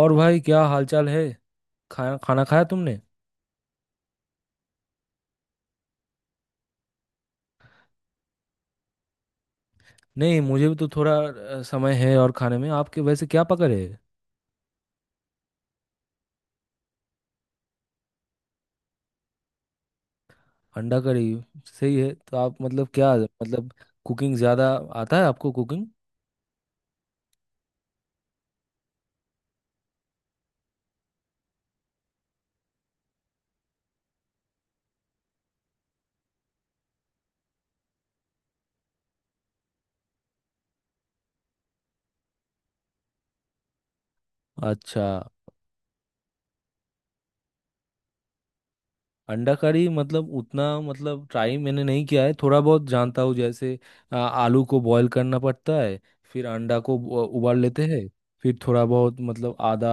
और भाई क्या हालचाल है। खाना खाना खाया तुमने? नहीं मुझे भी तो थोड़ा समय है। और खाने में आपके वैसे क्या पकड़ है? अंडा करी सही है। तो आप मतलब क्या मतलब कुकिंग ज़्यादा आता है आपको कुकिंग? अच्छा। अंडा करी मतलब उतना मतलब ट्राई मैंने नहीं किया है, थोड़ा बहुत जानता हूँ। जैसे आलू को बॉईल करना पड़ता है। फिर अंडा को उबाल लेते हैं। फिर थोड़ा बहुत मतलब आदा,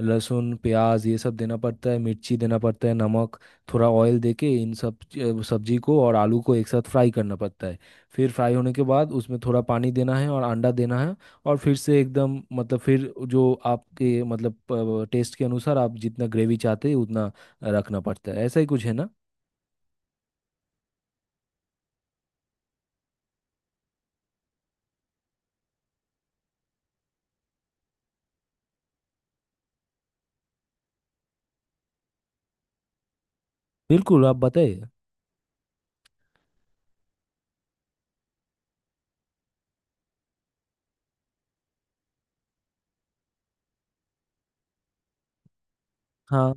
लहसुन, प्याज ये सब देना पड़ता है। मिर्ची देना पड़ता है, नमक। थोड़ा ऑयल देके इन सब सब्जी को और आलू को एक साथ फ्राई करना पड़ता है। फिर फ्राई होने के बाद उसमें थोड़ा पानी देना है और अंडा देना है। और फिर से एकदम मतलब फिर जो आपके मतलब टेस्ट के अनुसार आप जितना ग्रेवी चाहते हैं उतना रखना पड़ता है। ऐसा ही कुछ है ना। बिल्कुल आप बताइए। हाँ,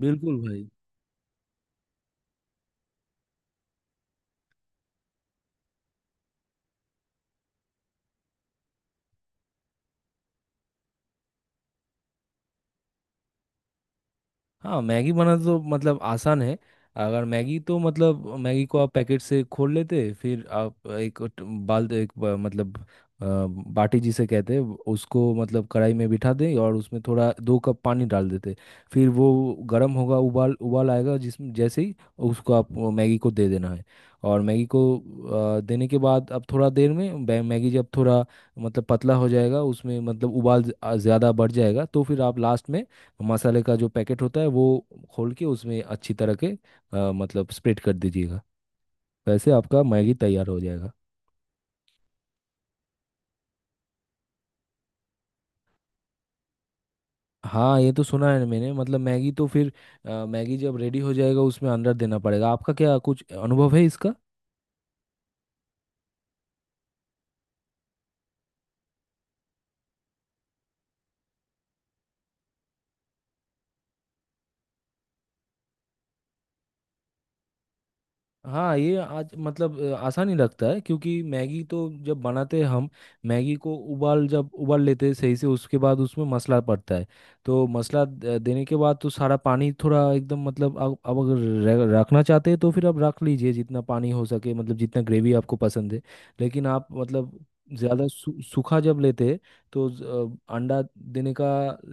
बिल्कुल भाई। हाँ, मैगी बनाना तो मतलब आसान है। अगर मैगी तो मतलब मैगी को आप पैकेट से खोल लेते, फिर आप एक बाल एक मतलब बाटी जिसे कहते हैं उसको मतलब कढ़ाई में बिठा दें और उसमें थोड़ा दो कप पानी डाल देते। फिर वो गर्म होगा, उबाल उबाल आएगा जिसमें जैसे ही उसको आप वो मैगी को दे देना है। और मैगी को देने के बाद अब थोड़ा देर में मैगी जब थोड़ा मतलब पतला हो जाएगा उसमें मतलब उबाल ज़्यादा बढ़ जाएगा तो फिर आप लास्ट में मसाले का जो पैकेट होता है वो खोल के उसमें अच्छी तरह के मतलब स्प्रेड कर दीजिएगा। वैसे आपका मैगी तैयार हो जाएगा। हाँ, ये तो सुना है मैंने मतलब मैगी तो फिर मैगी जब रेडी हो जाएगा उसमें अंदर देना पड़ेगा। आपका क्या कुछ अनुभव है इसका? हाँ, ये आज मतलब आसानी लगता है, क्योंकि मैगी तो जब बनाते हैं हम, मैगी को उबाल जब उबाल लेते हैं सही से उसके बाद उसमें मसाला पड़ता है। तो मसाला देने के बाद तो सारा पानी थोड़ा एकदम मतलब आप अगर रखना चाहते हैं तो फिर आप रख लीजिए जितना पानी हो सके मतलब जितना ग्रेवी आपको पसंद है। लेकिन आप मतलब ज़्यादा सूखा जब लेते हैं, तो अंडा देने का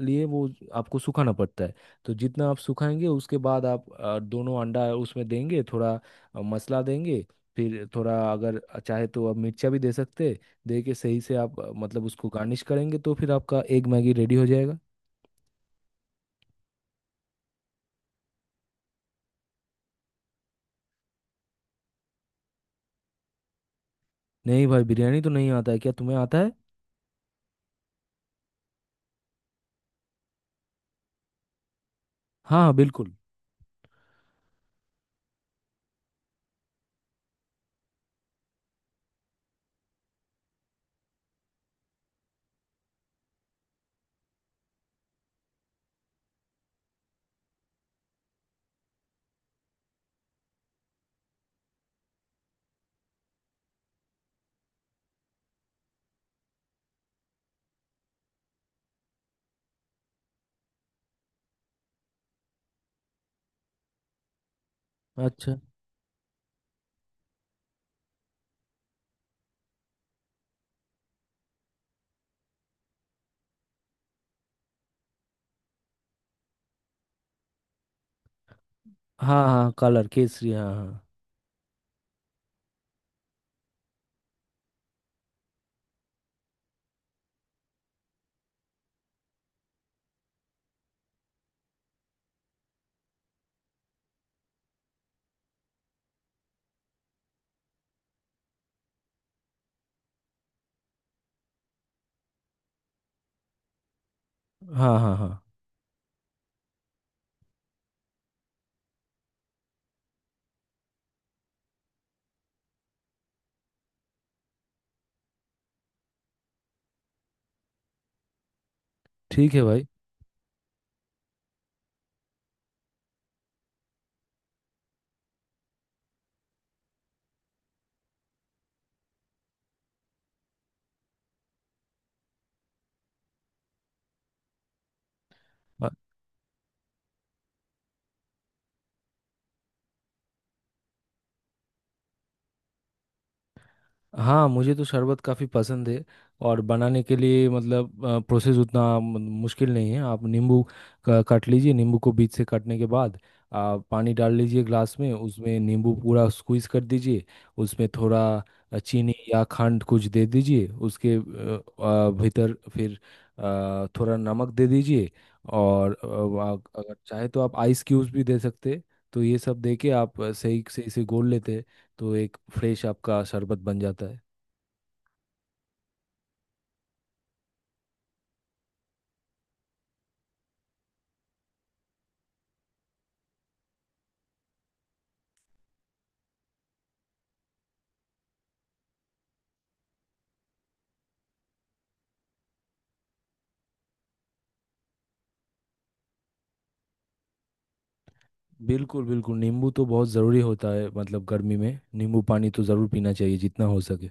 लिए वो आपको सुखाना पड़ता है। तो जितना आप सुखाएंगे उसके बाद आप दोनों अंडा उसमें देंगे थोड़ा और मसला देंगे। फिर थोड़ा अगर चाहे तो आप मिर्चा भी दे सकते, दे के सही से आप मतलब उसको गार्निश करेंगे तो फिर आपका एग मैगी रेडी हो जाएगा। नहीं भाई, बिरयानी तो नहीं आता है। क्या तुम्हें आता है? हाँ हाँ बिल्कुल। अच्छा। हाँ हाँ, कलर केसरी, हाँ हाँ। हाँ हाँ हाँ। ठीक है भाई। हाँ, मुझे तो शरबत काफ़ी पसंद है। और बनाने के लिए मतलब प्रोसेस उतना मुश्किल नहीं है। आप नींबू काट लीजिए, नींबू को बीच से काटने के बाद आप पानी डाल लीजिए ग्लास में, उसमें नींबू पूरा स्क्वीज कर दीजिए। उसमें थोड़ा चीनी या खंड कुछ दे दीजिए उसके भीतर। फिर थोड़ा नमक दे दीजिए। और अगर चाहे तो आप आइस क्यूब्स भी दे सकते हैं। तो ये सब दे के आप सही सही से घोल लेते हैं। तो एक फ्रेश आपका शरबत बन जाता है। बिल्कुल बिल्कुल, नींबू तो बहुत ज़रूरी होता है मतलब गर्मी में नींबू पानी तो ज़रूर पीना चाहिए जितना हो सके।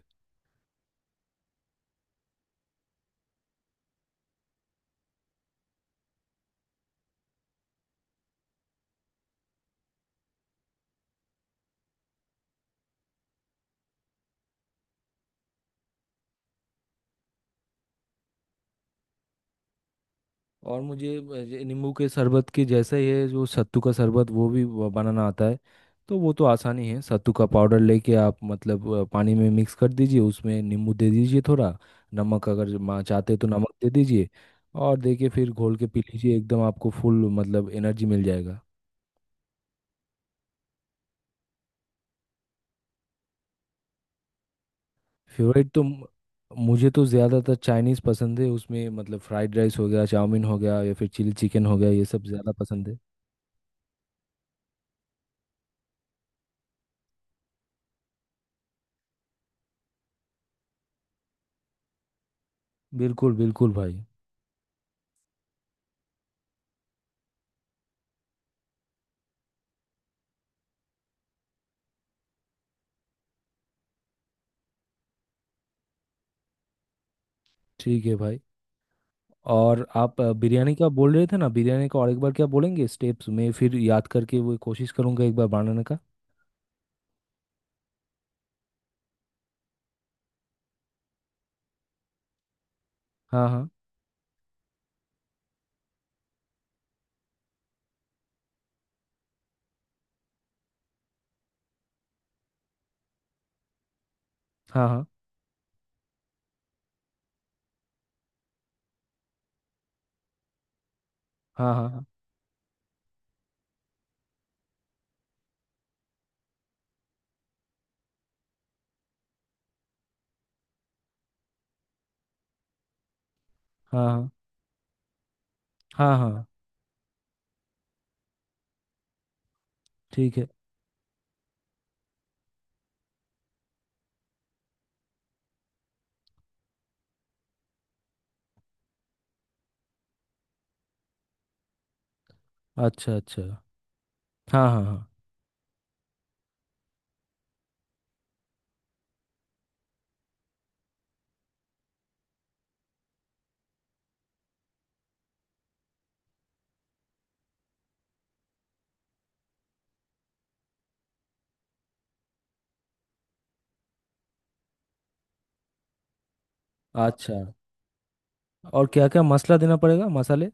और मुझे ये नींबू के शरबत के जैसा ही है जो सत्तू का शरबत वो भी बनाना आता है। तो वो तो आसानी है, सत्तू का पाउडर लेके आप मतलब पानी में मिक्स कर दीजिए, उसमें नींबू दे दीजिए थोड़ा नमक, अगर चाहते तो नमक दे दीजिए। और देखिए फिर घोल के पी लीजिए एकदम आपको फुल मतलब एनर्जी मिल जाएगा। फेवरेट तो मुझे तो ज़्यादातर चाइनीज़ पसंद है, उसमें मतलब फ्राइड राइस हो गया, चाउमीन हो गया, या फिर चिली चिकन हो गया, ये सब ज़्यादा पसंद है। बिल्कुल बिल्कुल भाई। ठीक है भाई। और आप बिरयानी का बोल रहे थे ना, बिरयानी का और एक बार क्या बोलेंगे स्टेप्स में? फिर याद करके वो कोशिश करूंगा एक बार बनाने का। हाँ हाँ हाँ। हाँ हाँ हाँ। हाँ हाँ हाँ। हाँ हाँ, ठीक है। अच्छा अच्छा। हाँ हाँ हाँ। अच्छा, और क्या क्या मसाला देना पड़ेगा मसाले?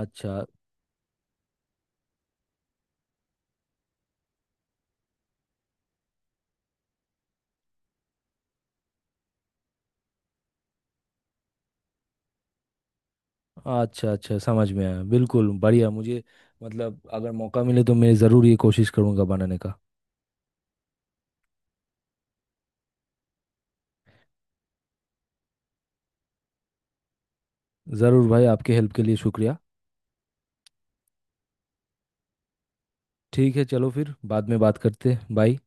अच्छा। अच्छा अच्छा समझ में आया, बिल्कुल बढ़िया मुझे मतलब अगर मौका मिले तो मैं ज़रूर ये कोशिश करूँगा बनाने का। ज़रूर भाई, आपके हेल्प के लिए शुक्रिया। ठीक है, चलो फिर बाद में बात करते हैं। बाय।